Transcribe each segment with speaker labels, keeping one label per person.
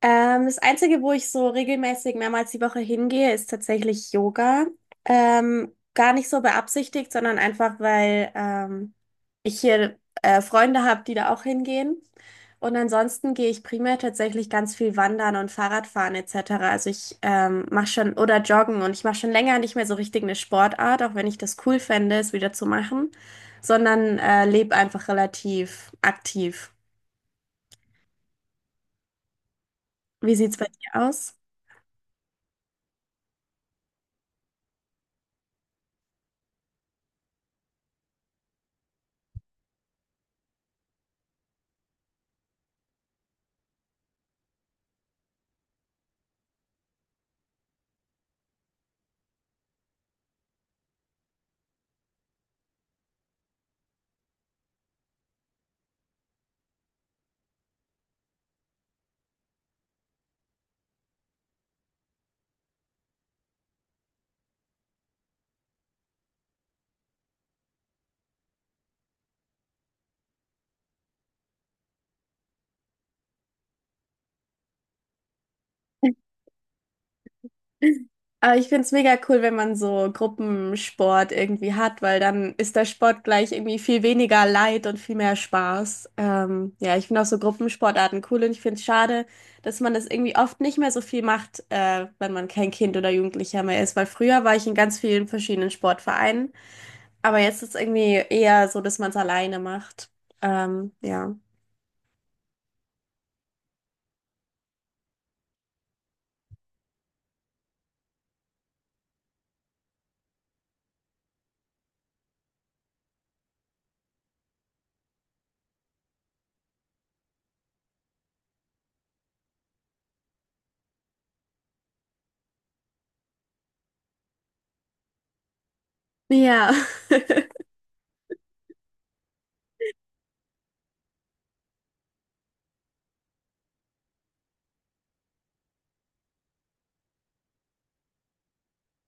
Speaker 1: Das Einzige, wo ich so regelmäßig mehrmals die Woche hingehe, ist tatsächlich Yoga. Gar nicht so beabsichtigt, sondern einfach, weil ich hier Freunde habe, die da auch hingehen. Und ansonsten gehe ich primär tatsächlich ganz viel wandern und Fahrradfahren etc. Also ich mache schon oder joggen und ich mache schon länger nicht mehr so richtig eine Sportart, auch wenn ich das cool fände, es wieder zu machen, sondern lebe einfach relativ aktiv. Wie sieht's bei dir aus? Aber ich finde es mega cool, wenn man so Gruppensport irgendwie hat, weil dann ist der Sport gleich irgendwie viel weniger Leid und viel mehr Spaß. Ja, ich finde auch so Gruppensportarten cool und ich finde es schade, dass man das irgendwie oft nicht mehr so viel macht, wenn man kein Kind oder Jugendlicher mehr ist, weil früher war ich in ganz vielen verschiedenen Sportvereinen, aber jetzt ist irgendwie eher so, dass man es alleine macht. Ähm, ja. Ja,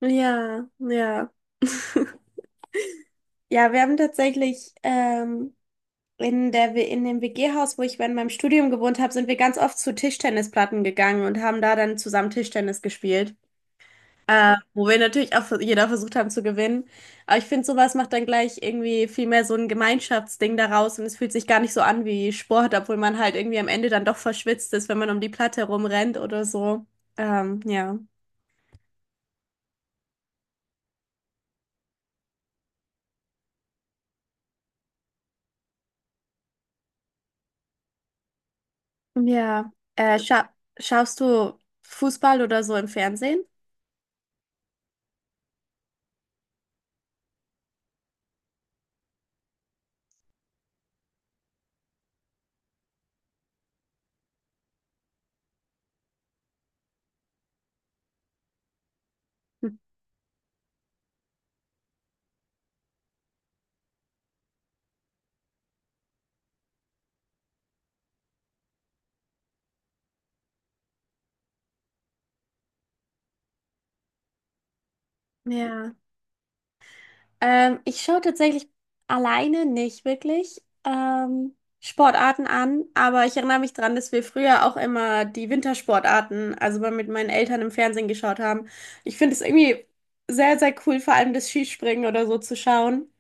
Speaker 1: ja, ja. Ja, wir haben tatsächlich in der, in dem WG-Haus, wo ich während meinem Studium gewohnt habe, sind wir ganz oft zu Tischtennisplatten gegangen und haben da dann zusammen Tischtennis gespielt. Wo wir natürlich auch jeder versucht haben zu gewinnen. Aber ich finde, sowas macht dann gleich irgendwie viel mehr so ein Gemeinschaftsding daraus und es fühlt sich gar nicht so an wie Sport, obwohl man halt irgendwie am Ende dann doch verschwitzt ist, wenn man um die Platte rumrennt oder so. Ähm, ja. Ja. Schaust du Fußball oder so im Fernsehen? Hm. Ja. Ich schaue tatsächlich alleine nicht wirklich Sportarten an, aber ich erinnere mich daran, dass wir früher auch immer die Wintersportarten, also mal mit meinen Eltern im Fernsehen geschaut haben. Ich finde es irgendwie sehr, sehr cool, vor allem das Skispringen oder so zu schauen.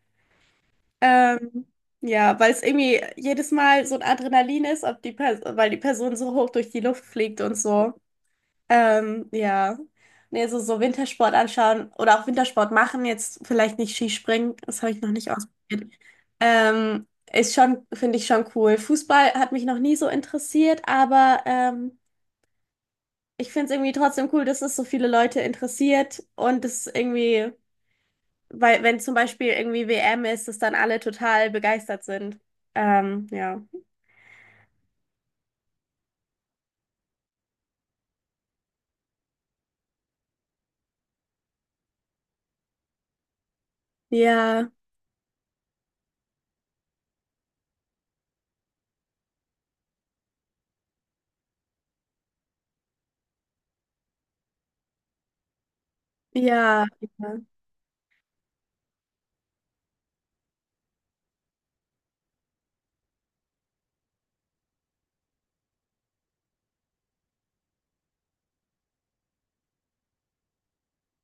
Speaker 1: Ähm, ja, weil es irgendwie jedes Mal so ein Adrenalin ist, ob die weil die Person so hoch durch die Luft fliegt und so. Ähm, ja. Nee, so, so Wintersport anschauen oder auch Wintersport machen, jetzt vielleicht nicht Skispringen, das habe ich noch nicht ausprobiert. Ähm, ist schon, finde ich schon cool. Fußball hat mich noch nie so interessiert, aber ich finde es irgendwie trotzdem cool, dass es so viele Leute interessiert und es irgendwie, weil wenn zum Beispiel irgendwie WM ist, dass dann alle total begeistert sind. Ähm, ja. Ja, ja, ja.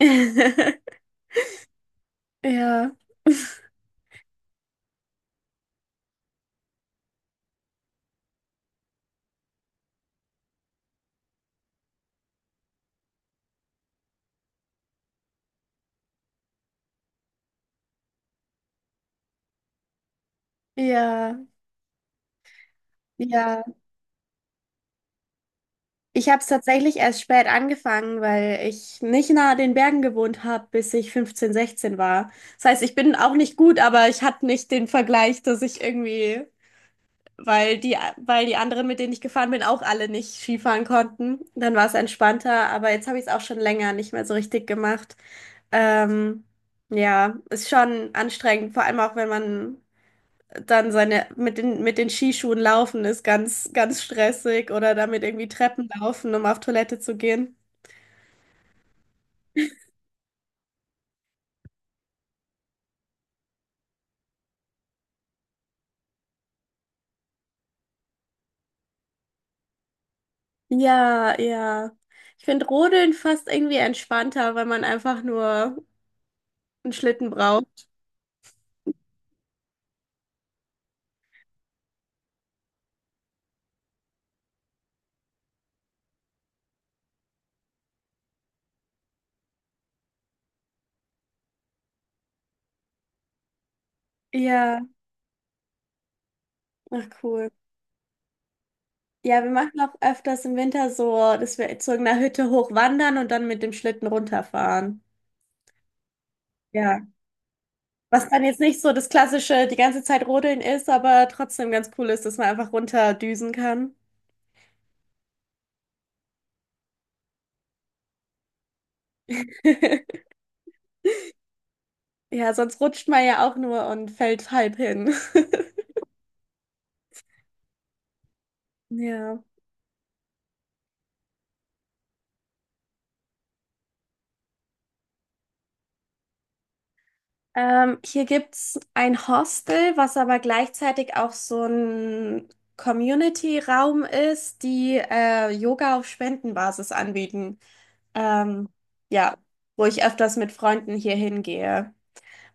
Speaker 1: Ja, ja, ja. Ich habe es tatsächlich erst spät angefangen, weil ich nicht nahe den Bergen gewohnt habe, bis ich 15 16 war. Das heißt, ich bin auch nicht gut, aber ich hatte nicht den Vergleich, dass ich irgendwie, weil die anderen, mit denen ich gefahren bin, auch alle nicht Skifahren konnten. Dann war es entspannter, aber jetzt habe ich es auch schon länger nicht mehr so richtig gemacht. Ähm, ja, ist schon anstrengend, vor allem auch wenn man dann seine mit den Skischuhen laufen ist ganz, ganz stressig oder damit irgendwie Treppen laufen, um auf Toilette zu gehen. Ja, ja. Ich finde Rodeln fast irgendwie entspannter, weil man einfach nur einen Schlitten braucht. Ja, ach cool. Ja, wir machen auch öfters im Winter so, dass wir zu irgendeiner Hütte hochwandern und dann mit dem Schlitten runterfahren. Ja. Was dann jetzt nicht so das klassische die ganze Zeit Rodeln ist, aber trotzdem ganz cool ist, dass man einfach runterdüsen kann. Ja, sonst rutscht man ja auch nur und fällt halb hin. Ja. Hier gibt's ein Hostel, was aber gleichzeitig auch so ein Community-Raum ist, die Yoga auf Spendenbasis anbieten. Ähm, ja, wo ich öfters mit Freunden hier hingehe.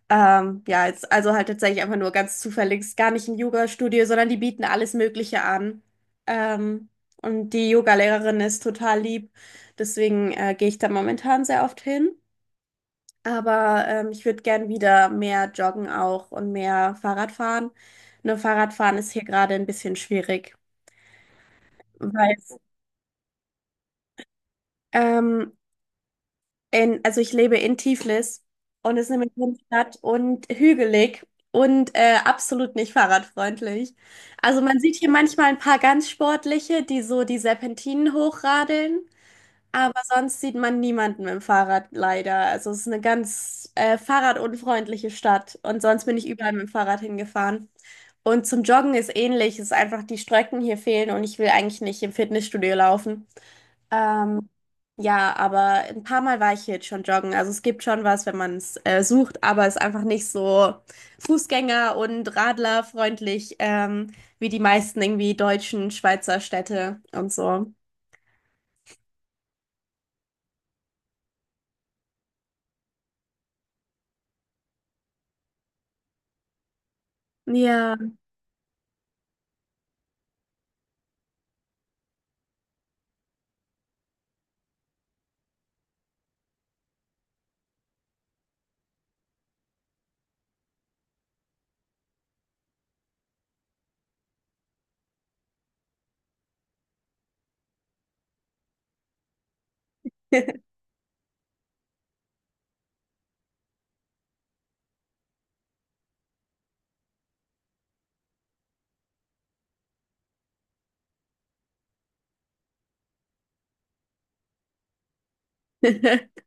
Speaker 1: Ja, jetzt, also halt tatsächlich einfach nur ganz zufällig, ist gar nicht ein Yoga-Studio, sondern die bieten alles Mögliche an. Ähm, und die Yoga-Lehrerin ist total lieb, deswegen gehe ich da momentan sehr oft hin. Aber ich würde gern wieder mehr joggen auch und mehr Fahrrad fahren. Nur Fahrradfahren ist hier gerade ein bisschen schwierig, weil ähm, also ich lebe in Tiflis und es ist eine Millionenstadt und hügelig und absolut nicht fahrradfreundlich. Also man sieht hier manchmal ein paar ganz sportliche, die so die Serpentinen hochradeln, aber sonst sieht man niemanden mit dem Fahrrad leider. Also es ist eine ganz fahrradunfreundliche Stadt und sonst bin ich überall mit dem Fahrrad hingefahren. Und zum Joggen ist ähnlich, es ist einfach die Strecken hier fehlen und ich will eigentlich nicht im Fitnessstudio laufen. Ähm, ja, aber ein paar Mal war ich hier jetzt schon joggen. Also es gibt schon was, wenn man es sucht, aber es ist einfach nicht so Fußgänger- und Radlerfreundlich wie die meisten irgendwie deutschen Schweizer Städte und so. Ja.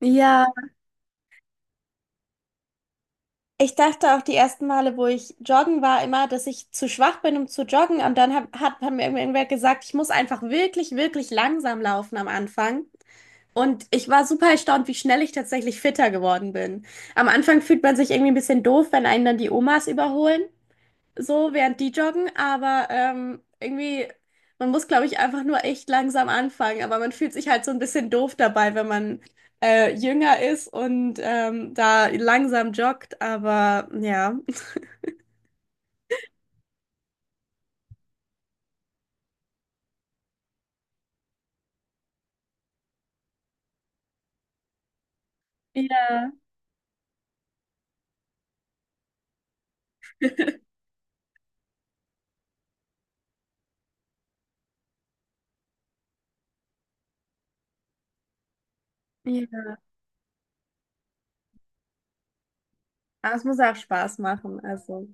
Speaker 1: Ja, ich dachte auch die ersten Male, wo ich joggen war, immer, dass ich zu schwach bin, um zu joggen. Und dann hat mir irgendwer gesagt, ich muss einfach wirklich, wirklich langsam laufen am Anfang. Und ich war super erstaunt, wie schnell ich tatsächlich fitter geworden bin. Am Anfang fühlt man sich irgendwie ein bisschen doof, wenn einen dann die Omas überholen, so während die joggen, aber man muss, glaube ich, einfach nur echt langsam anfangen. Aber man fühlt sich halt so ein bisschen doof dabei, wenn man jünger ist und da langsam joggt. Aber ja. Ja, ja. Aber es muss auch Spaß machen, also.